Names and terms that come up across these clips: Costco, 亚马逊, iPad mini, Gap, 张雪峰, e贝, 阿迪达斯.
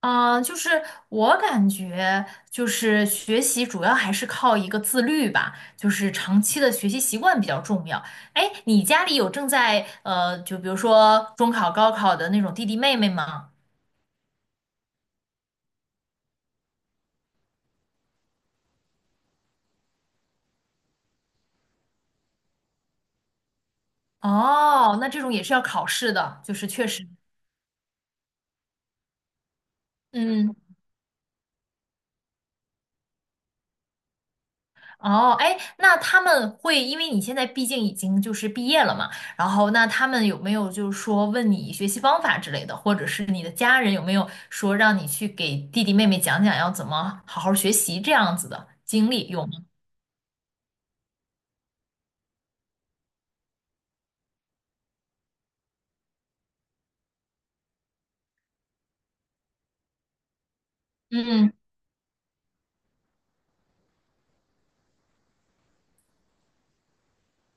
啊，就是我感觉，就是学习主要还是靠一个自律吧，就是长期的学习习惯比较重要。哎，你家里有正在就比如说中考、高考的那种弟弟妹妹吗？哦，那这种也是要考试的，就是确实，嗯。哦，哎，那他们会，因为你现在毕竟已经就是毕业了嘛，然后那他们有没有就是说问你学习方法之类的，或者是你的家人有没有说让你去给弟弟妹妹讲讲要怎么好好学习这样子的经历有吗？嗯，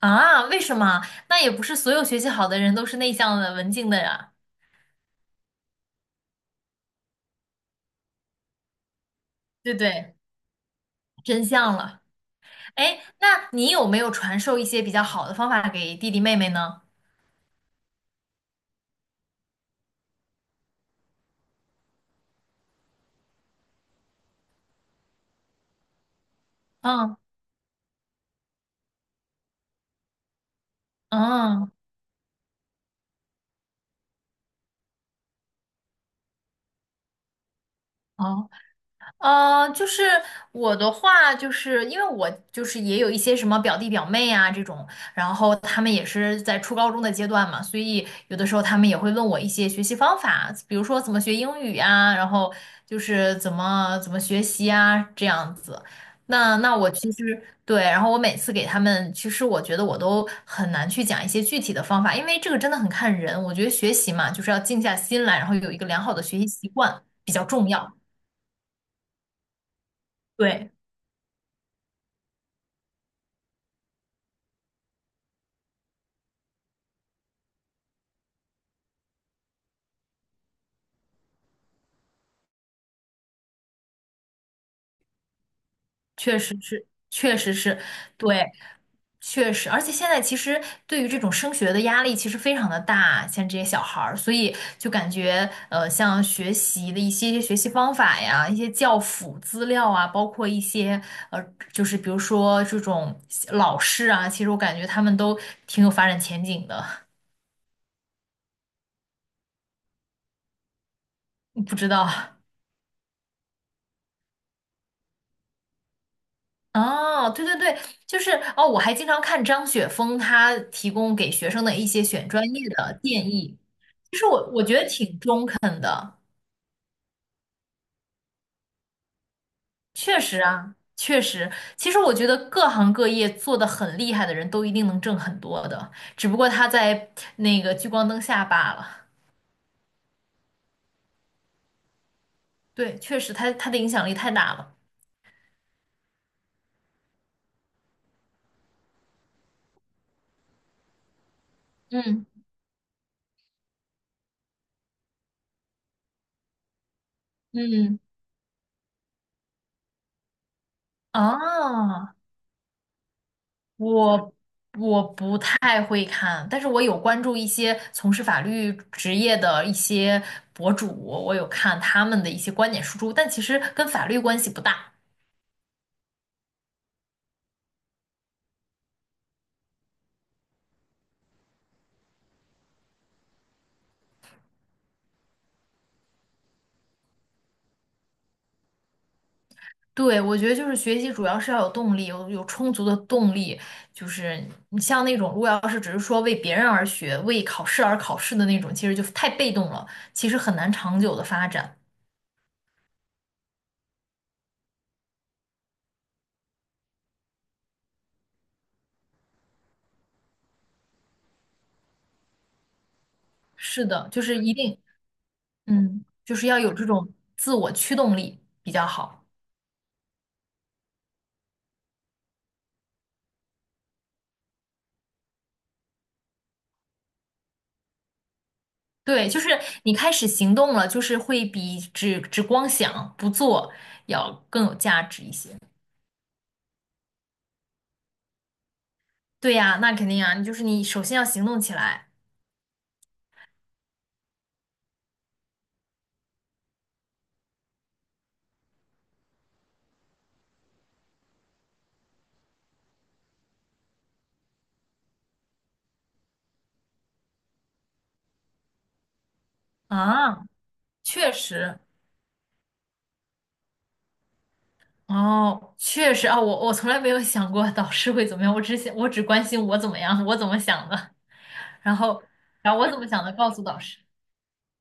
啊，为什么？那也不是所有学习好的人都是内向的、文静的呀，对不对？真相了。哎，那你有没有传授一些比较好的方法给弟弟妹妹呢？嗯嗯，哦就是我的话，就是因为我就是也有一些什么表弟表妹啊这种，然后他们也是在初高中的阶段嘛，所以有的时候他们也会问我一些学习方法，比如说怎么学英语呀，然后就是怎么怎么学习啊这样子。那我其实对，然后我每次给他们，其实我觉得我都很难去讲一些具体的方法，因为这个真的很看人。我觉得学习嘛，就是要静下心来，然后有一个良好的学习习惯比较重要。对。确实是，确实是，对，确实，而且现在其实对于这种升学的压力其实非常的大，像这些小孩儿，所以就感觉像学习的一些学习方法呀，一些教辅资料啊，包括一些呃，就是比如说这种老师啊，其实我感觉他们都挺有发展前景的，不知道。哦，对对对，就是哦，我还经常看张雪峰他提供给学生的一些选专业的建议，其实我觉得挺中肯的，确实啊，确实，其实我觉得各行各业做的很厉害的人都一定能挣很多的，只不过他在那个聚光灯下罢了。对，确实他的影响力太大了。嗯嗯，哦，我我不太会看，但是我有关注一些从事法律职业的一些博主，我有看他们的一些观点输出，但其实跟法律关系不大。对，我觉得就是学习主要是要有动力，有充足的动力。就是你像那种，如果要是只是说为别人而学、为考试而考试的那种，其实就太被动了，其实很难长久的发展。是的，就是一定，嗯，就是要有这种自我驱动力比较好。对，就是你开始行动了，就是会比只光想不做要更有价值一些。对呀，那肯定啊，你就是你首先要行动起来啊，确实，哦，确实啊，我从来没有想过导师会怎么样，我只想我只关心我怎么样，我怎么想的，然后我怎么想的告诉导师。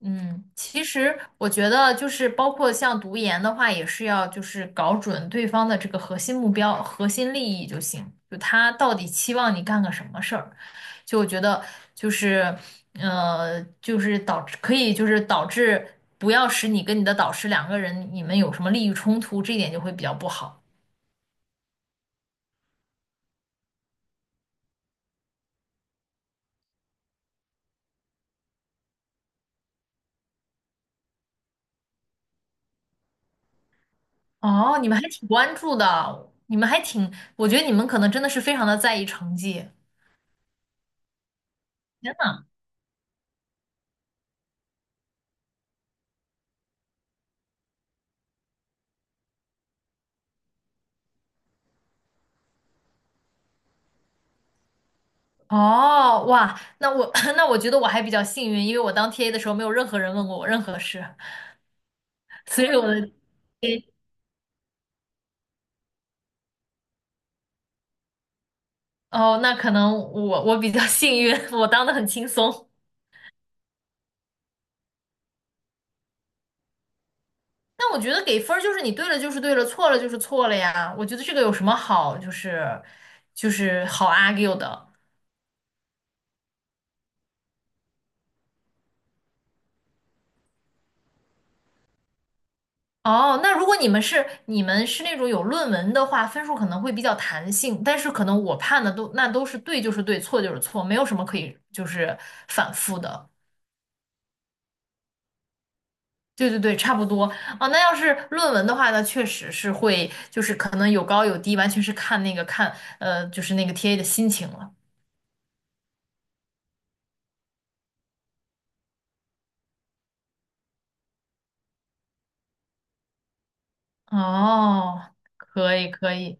嗯，其实我觉得就是包括像读研的话，也是要就是搞准对方的这个核心目标、核心利益就行。就他到底期望你干个什么事儿？就我觉得就是就是导致可以就是导致不要使你跟你的导师两个人你们有什么利益冲突，这一点就会比较不好。哦，你们还挺关注的，你们还挺，我觉得你们可能真的是非常的在意成绩。天呐！哦，哇，那我 那我觉得我还比较幸运，因为我当 TA 的时候没有任何人问过我任何事，所以我的 T A 哦，那可能我比较幸运，我当的很轻松。但我觉得给分儿就是你对了就是对了，错了就是错了呀。我觉得这个有什么好，就是好 argue 的。哦，那如果你们是那种有论文的话，分数可能会比较弹性，但是可能我判的都那都是对就是对，错就是错，没有什么可以就是反复的。对对对，差不多啊，那要是论文的话呢，确实是会，就是可能有高有低，完全是看那个看，就是那个 TA 的心情了。哦，可以可以，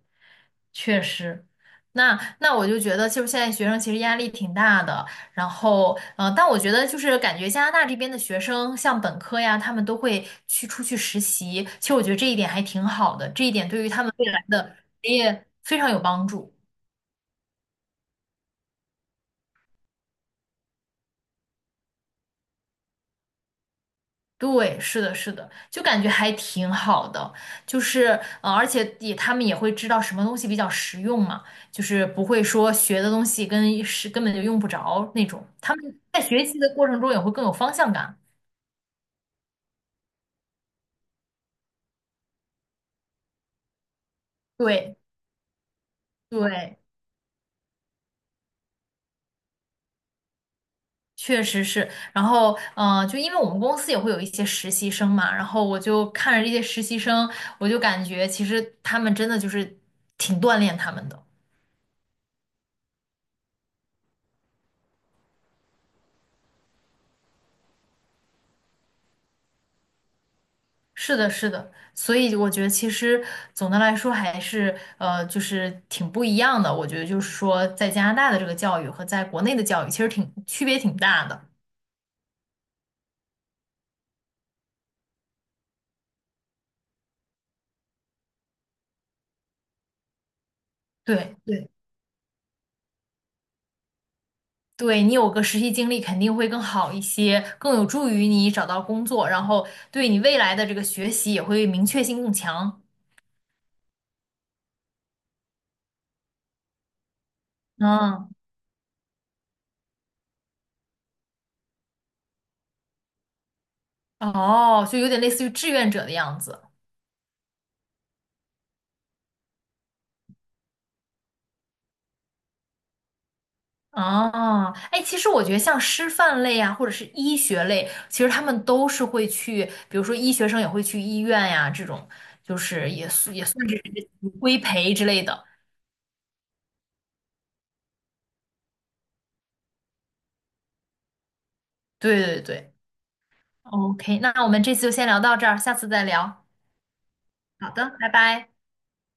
确实。那我就觉得，就是现在学生其实压力挺大的。然后，但我觉得就是感觉加拿大这边的学生，像本科呀，他们都会去出去实习。其实我觉得这一点还挺好的，这一点对于他们未来的职业非常有帮助。对，是的，是的，就感觉还挺好的，就是而且也他们也会知道什么东西比较实用嘛，就是不会说学的东西跟是根本就用不着那种，他们在学习的过程中也会更有方向感。对对，确实是。然后，就因为我们公司也会有一些实习生嘛，然后我就看着这些实习生，我就感觉其实他们真的就是挺锻炼他们的。是的，是的，所以我觉得其实总的来说还是就是挺不一样的。我觉得就是说，在加拿大的这个教育和在国内的教育其实挺区别挺大的。对对对，你有个实习经历肯定会更好一些，更有助于你找到工作，然后对你未来的这个学习也会明确性更强。嗯，哦，就有点类似于志愿者的样子。哦，哎，其实我觉得像师范类啊，或者是医学类，其实他们都是会去，比如说医学生也会去医院呀，这种就是也算也算是规培之类的。对对对，OK,那我们这次就先聊到这儿，下次再聊。好的，拜拜。